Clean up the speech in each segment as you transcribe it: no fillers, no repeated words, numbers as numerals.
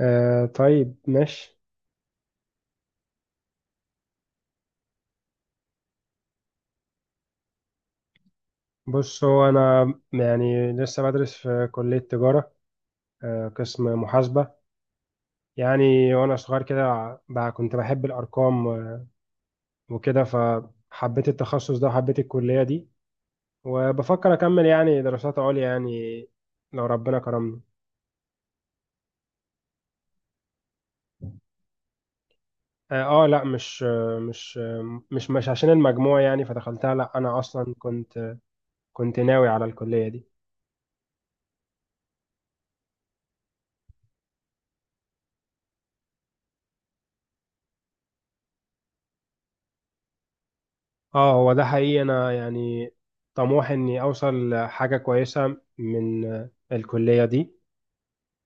آه، طيب ماشي. بص هو أنا، يعني لسه بدرس في كلية تجارة، قسم محاسبة. يعني وأنا صغير كده بقى كنت بحب الأرقام وكده، فحبيت التخصص ده وحبيت الكلية دي، وبفكر أكمل يعني دراسات عليا، يعني لو ربنا كرمني. لأ، مش مش عشان المجموع يعني فدخلتها. لأ أنا أصلا كنت ناوي على الكلية دي. اه، هو ده حقيقي. انا يعني طموحي اني اوصل لحاجه كويسه من الكليه دي.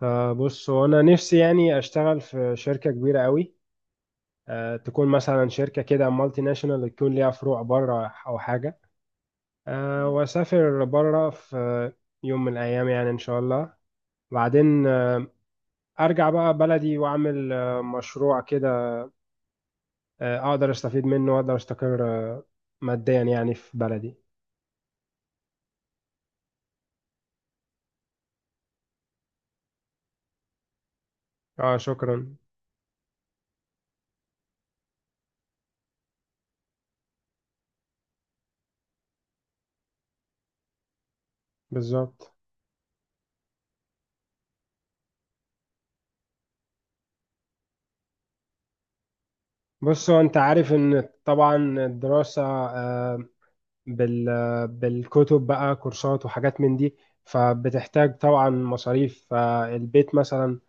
فبص هو انا نفسي يعني اشتغل في شركه كبيره قوي، أه تكون مثلا شركه كده مالتي ناشونال، تكون ليها فروع بره او حاجه، أه واسافر بره في يوم من الايام، يعني ان شاء الله. بعدين ارجع بقى بلدي واعمل مشروع كده، اقدر استفيد منه واقدر استقر ماديا يعني في بلدي. اه، شكرا. بالظبط. بص هو انت عارف ان طبعا الدراسة آه، بالكتب بقى كورسات وحاجات من دي، فبتحتاج طبعا مصاريف. فالبيت مثلا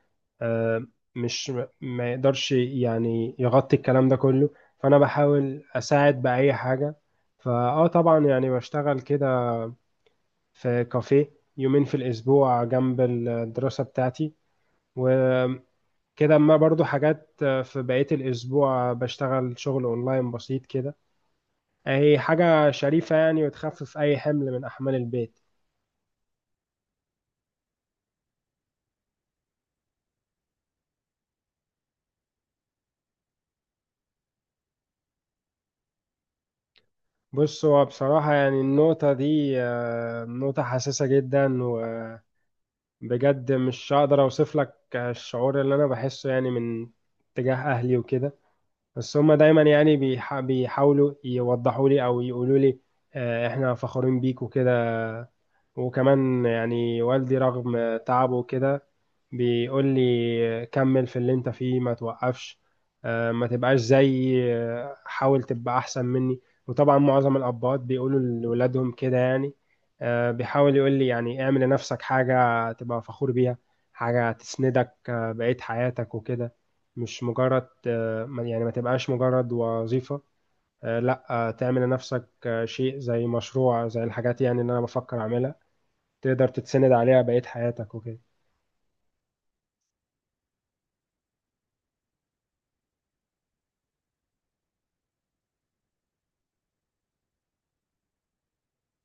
آه، مش ما يقدرش يعني يغطي الكلام ده كله، فانا بحاول اساعد بأي حاجة. فاه طبعا يعني بشتغل كده في كافيه يومين في الاسبوع جنب الدراسة بتاعتي وكده. اما برضو حاجات في بقية الاسبوع بشتغل شغل اونلاين بسيط كده. هي حاجة شريفة يعني، وتخفف أي حمل من أحمال البيت. بص هو بصراحة يعني النقطة دي نقطة حساسة جدا، وبجد مش هقدر أوصف لك الشعور اللي أنا بحسه يعني من تجاه أهلي وكده. بس هما دايما يعني بيحاولوا يوضحوا لي أو يقولوا لي إحنا فخورين بيك وكده. وكمان يعني والدي رغم تعبه كده بيقول لي كمل في اللي انت فيه ما توقفش، ما تبقاش زي حاول تبقى احسن مني. وطبعا معظم الاباء بيقولوا لولادهم كده يعني، بيحاول يقول لي يعني اعمل لنفسك حاجة تبقى فخور بيها، حاجة تسندك بقية حياتك وكده. مش مجرد يعني ما تبقاش مجرد وظيفة، لا تعمل لنفسك شيء زي مشروع زي الحاجات يعني اللي انا بفكر اعملها، تقدر تتسند عليها بقية حياتك وكده.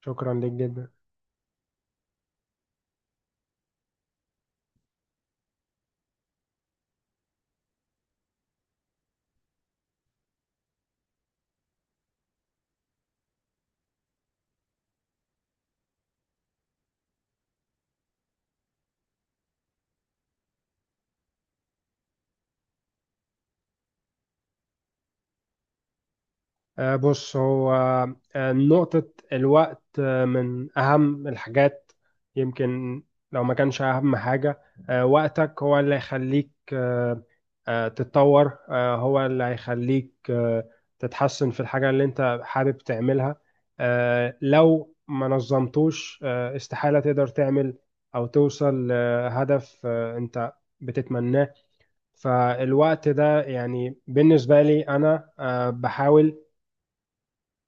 شكرا ليك جدا. بص هو نقطة الوقت من أهم الحاجات، يمكن لو ما كانش أهم حاجة. وقتك هو اللي هيخليك تتطور، هو اللي هيخليك تتحسن في الحاجة اللي أنت حابب تعملها. لو ما نظمتوش استحالة تقدر تعمل أو توصل لهدف أنت بتتمناه. فالوقت ده يعني بالنسبة لي أنا بحاول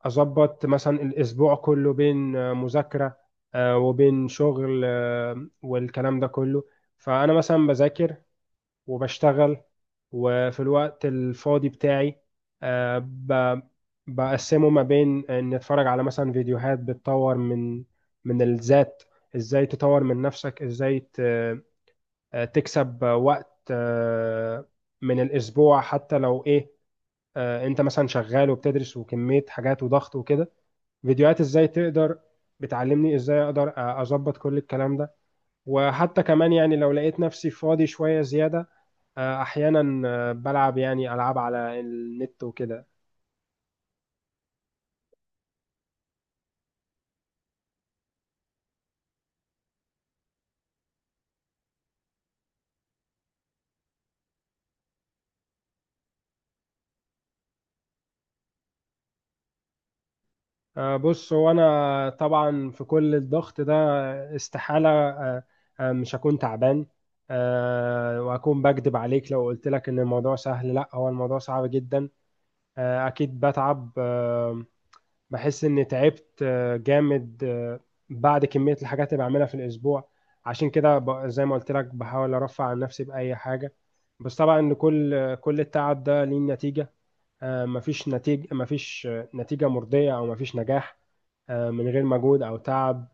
أظبط مثلا الأسبوع كله بين مذاكرة وبين شغل والكلام ده كله. فأنا مثلا بذاكر وبشتغل، وفي الوقت الفاضي بتاعي آه، ب- بقسمه ما بين إن أتفرج على مثلا فيديوهات بتطور من من الذات، إزاي تطور من نفسك، إزاي ت- آه، تكسب وقت من الاسبوع، حتى لو ايه، انت مثلا شغال وبتدرس وكمية حاجات وضغط وكده، فيديوهات ازاي تقدر بتعلمني ازاي اقدر اظبط كل الكلام ده. وحتى كمان يعني لو لقيت نفسي فاضي شوية زيادة احيانا بلعب يعني العاب على النت وكده. بص هو انا طبعا في كل الضغط ده استحالة مش هكون تعبان. وهكون بكذب عليك لو قلت لك ان الموضوع سهل، لا هو الموضوع صعب جدا. اكيد بتعب بحس اني تعبت جامد بعد كمية الحاجات اللي بعملها في الاسبوع. عشان كده زي ما قلت لك بحاول ارفع عن نفسي بأي حاجة. بس طبعا إن كل التعب ده ليه نتيجة. مفيش نتيجة، مفيش نتيجة مرضية أو مفيش نجاح من غير مجهود أو تعب.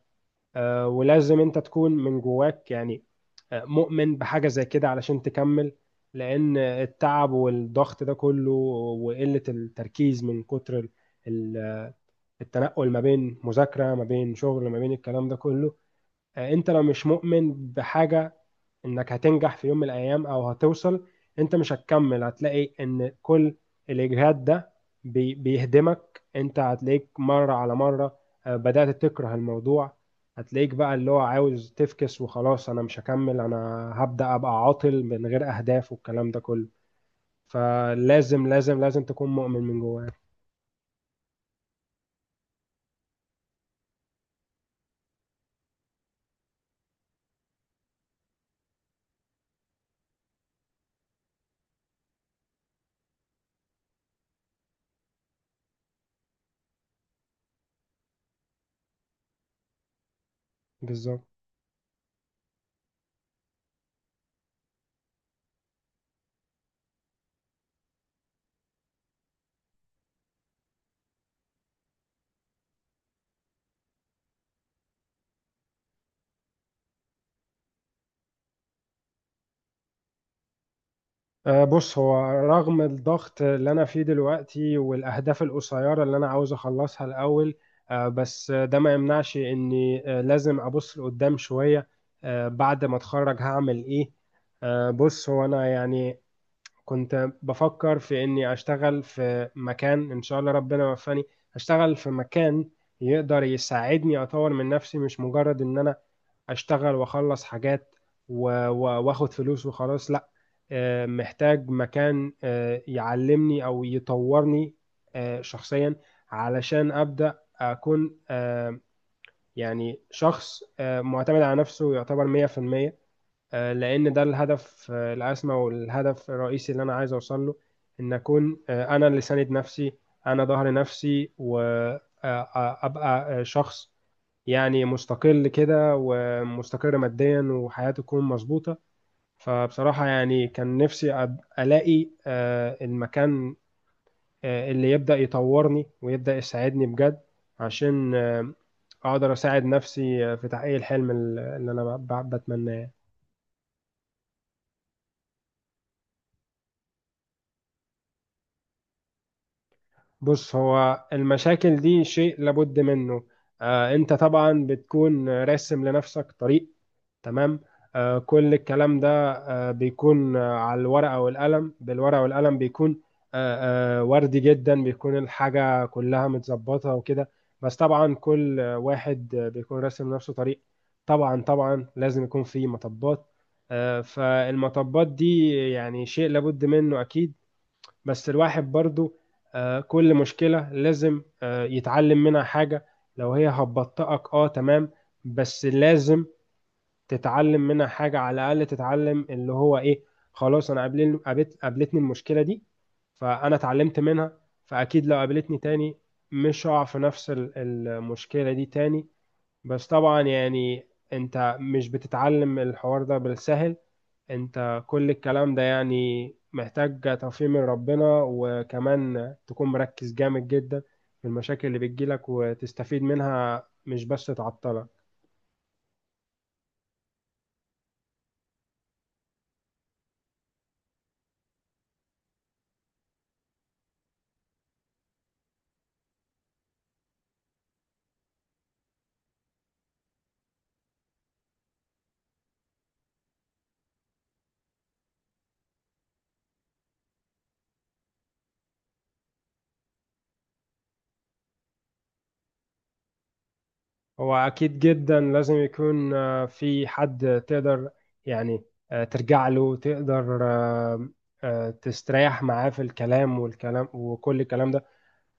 ولازم أنت تكون من جواك يعني مؤمن بحاجة زي كده علشان تكمل. لأن التعب والضغط ده كله وقلة التركيز من كتر ال- التنقل ما بين مذاكرة ما بين شغل ما بين الكلام ده كله، أنت لو مش مؤمن بحاجة انك هتنجح في يوم من الايام او هتوصل، انت مش هتكمل. هتلاقي ان كل الاجهاد ده بيهدمك. انت هتلاقيك مرة على مرة بدأت تكره الموضوع. هتلاقيك بقى اللي هو عاوز تفكس وخلاص، انا مش هكمل، انا هبدأ ابقى عاطل من غير اهداف والكلام ده كله. فلازم لازم لازم تكون مؤمن من جواك. بالظبط. أه، بص هو رغم الضغط اللي أنا فيه دلوقتي والأهداف القصيرة اللي أنا عاوز أخلصها الأول، أه بس ده ما يمنعش إني أه لازم أبص لقدام شوية. أه بعد ما أتخرج هعمل إيه؟ أه بص هو أنا يعني كنت بفكر في إني أشتغل في مكان إن شاء الله ربنا يوفقني، أشتغل في مكان يقدر يساعدني أطور من نفسي، مش مجرد إن أنا اشتغل واخلص حاجات واخد فلوس وخلاص، لا. محتاج مكان يعلمني او يطورني شخصيا، علشان ابدا اكون يعني شخص معتمد على نفسه يعتبر 100%. لان ده الهدف الاسمى والهدف الرئيسي اللي انا عايز اوصل له، ان اكون انا اللي ساند نفسي، انا ظهر نفسي وابقى شخص يعني مستقل كده ومستقر ماديا وحياته تكون مظبوطة. فبصراحة يعني كان نفسي ألاقي المكان اللي يبدأ يطورني ويبدأ يساعدني بجد، عشان أقدر أساعد نفسي في تحقيق الحلم اللي أنا بتمناه. بص هو المشاكل دي شيء لابد منه. أنت طبعا بتكون راسم لنفسك طريق، تمام، كل الكلام ده بيكون على الورقة والقلم. بالورقة والقلم بيكون وردي جدا، بيكون الحاجة كلها متظبطة وكده. بس طبعا كل واحد بيكون راسم نفسه طريق، طبعا طبعا لازم يكون في مطبات. فالمطبات دي يعني شيء لابد منه أكيد. بس الواحد برضو كل مشكلة لازم يتعلم منها حاجة. لو هي هتبطئك، اه تمام، بس لازم تتعلم منها حاجة على الأقل. تتعلم اللي هو إيه، خلاص أنا قابلتني المشكلة دي، فأنا اتعلمت منها، فأكيد لو قابلتني تاني مش هقع في نفس المشكلة دي تاني. بس طبعا يعني أنت مش بتتعلم الحوار ده بالسهل. أنت كل الكلام ده يعني محتاج توفيق من ربنا، وكمان تكون مركز جامد جدا في المشاكل اللي بتجيلك وتستفيد منها مش بس تعطلك. هو أكيد جدا لازم يكون في حد تقدر يعني ترجع له، تقدر تستريح معاه في الكلام والكلام وكل الكلام ده.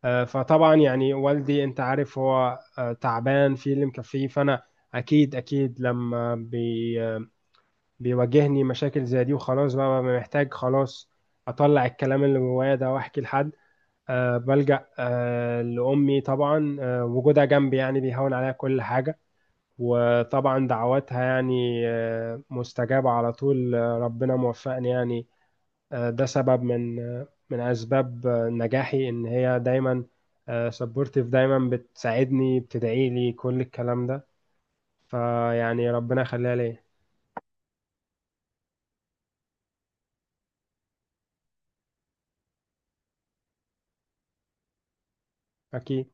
فطبعا يعني والدي أنت عارف هو تعبان في اللي مكفيه. فأنا أكيد أكيد لما بي آه، بيواجهني مشاكل زي دي وخلاص بقى ببقى محتاج خلاص أطلع الكلام اللي جوايا ده وأحكي لحد. بلجأ لأمي طبعا. وجودها جنبي يعني بيهون عليها كل حاجة، وطبعا دعواتها يعني مستجابة على طول. ربنا موفقني يعني. ده سبب من من أسباب نجاحي، إن هي دايما سبورتيف، دايما بتساعدني بتدعي لي كل الكلام ده، فيعني ربنا يخليها ليا. أكيد.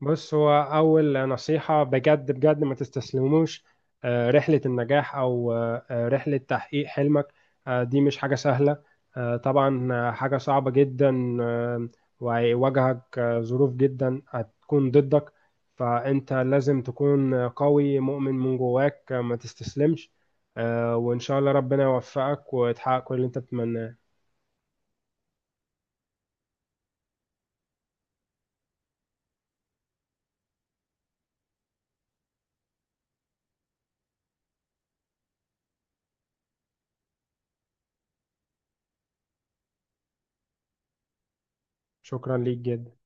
بص هو أول نصيحة بجد بجد ما تستسلموش. رحلة النجاح أو رحلة تحقيق حلمك دي مش حاجة سهلة، طبعا حاجة صعبة جدا، وهيواجهك ظروف جدا هتكون ضدك. فأنت لازم تكون قوي، مؤمن من جواك، ما تستسلمش، وإن شاء الله ربنا يوفقك وتحقق كل اللي أنت بتتمناه. شكرا ليك جدا.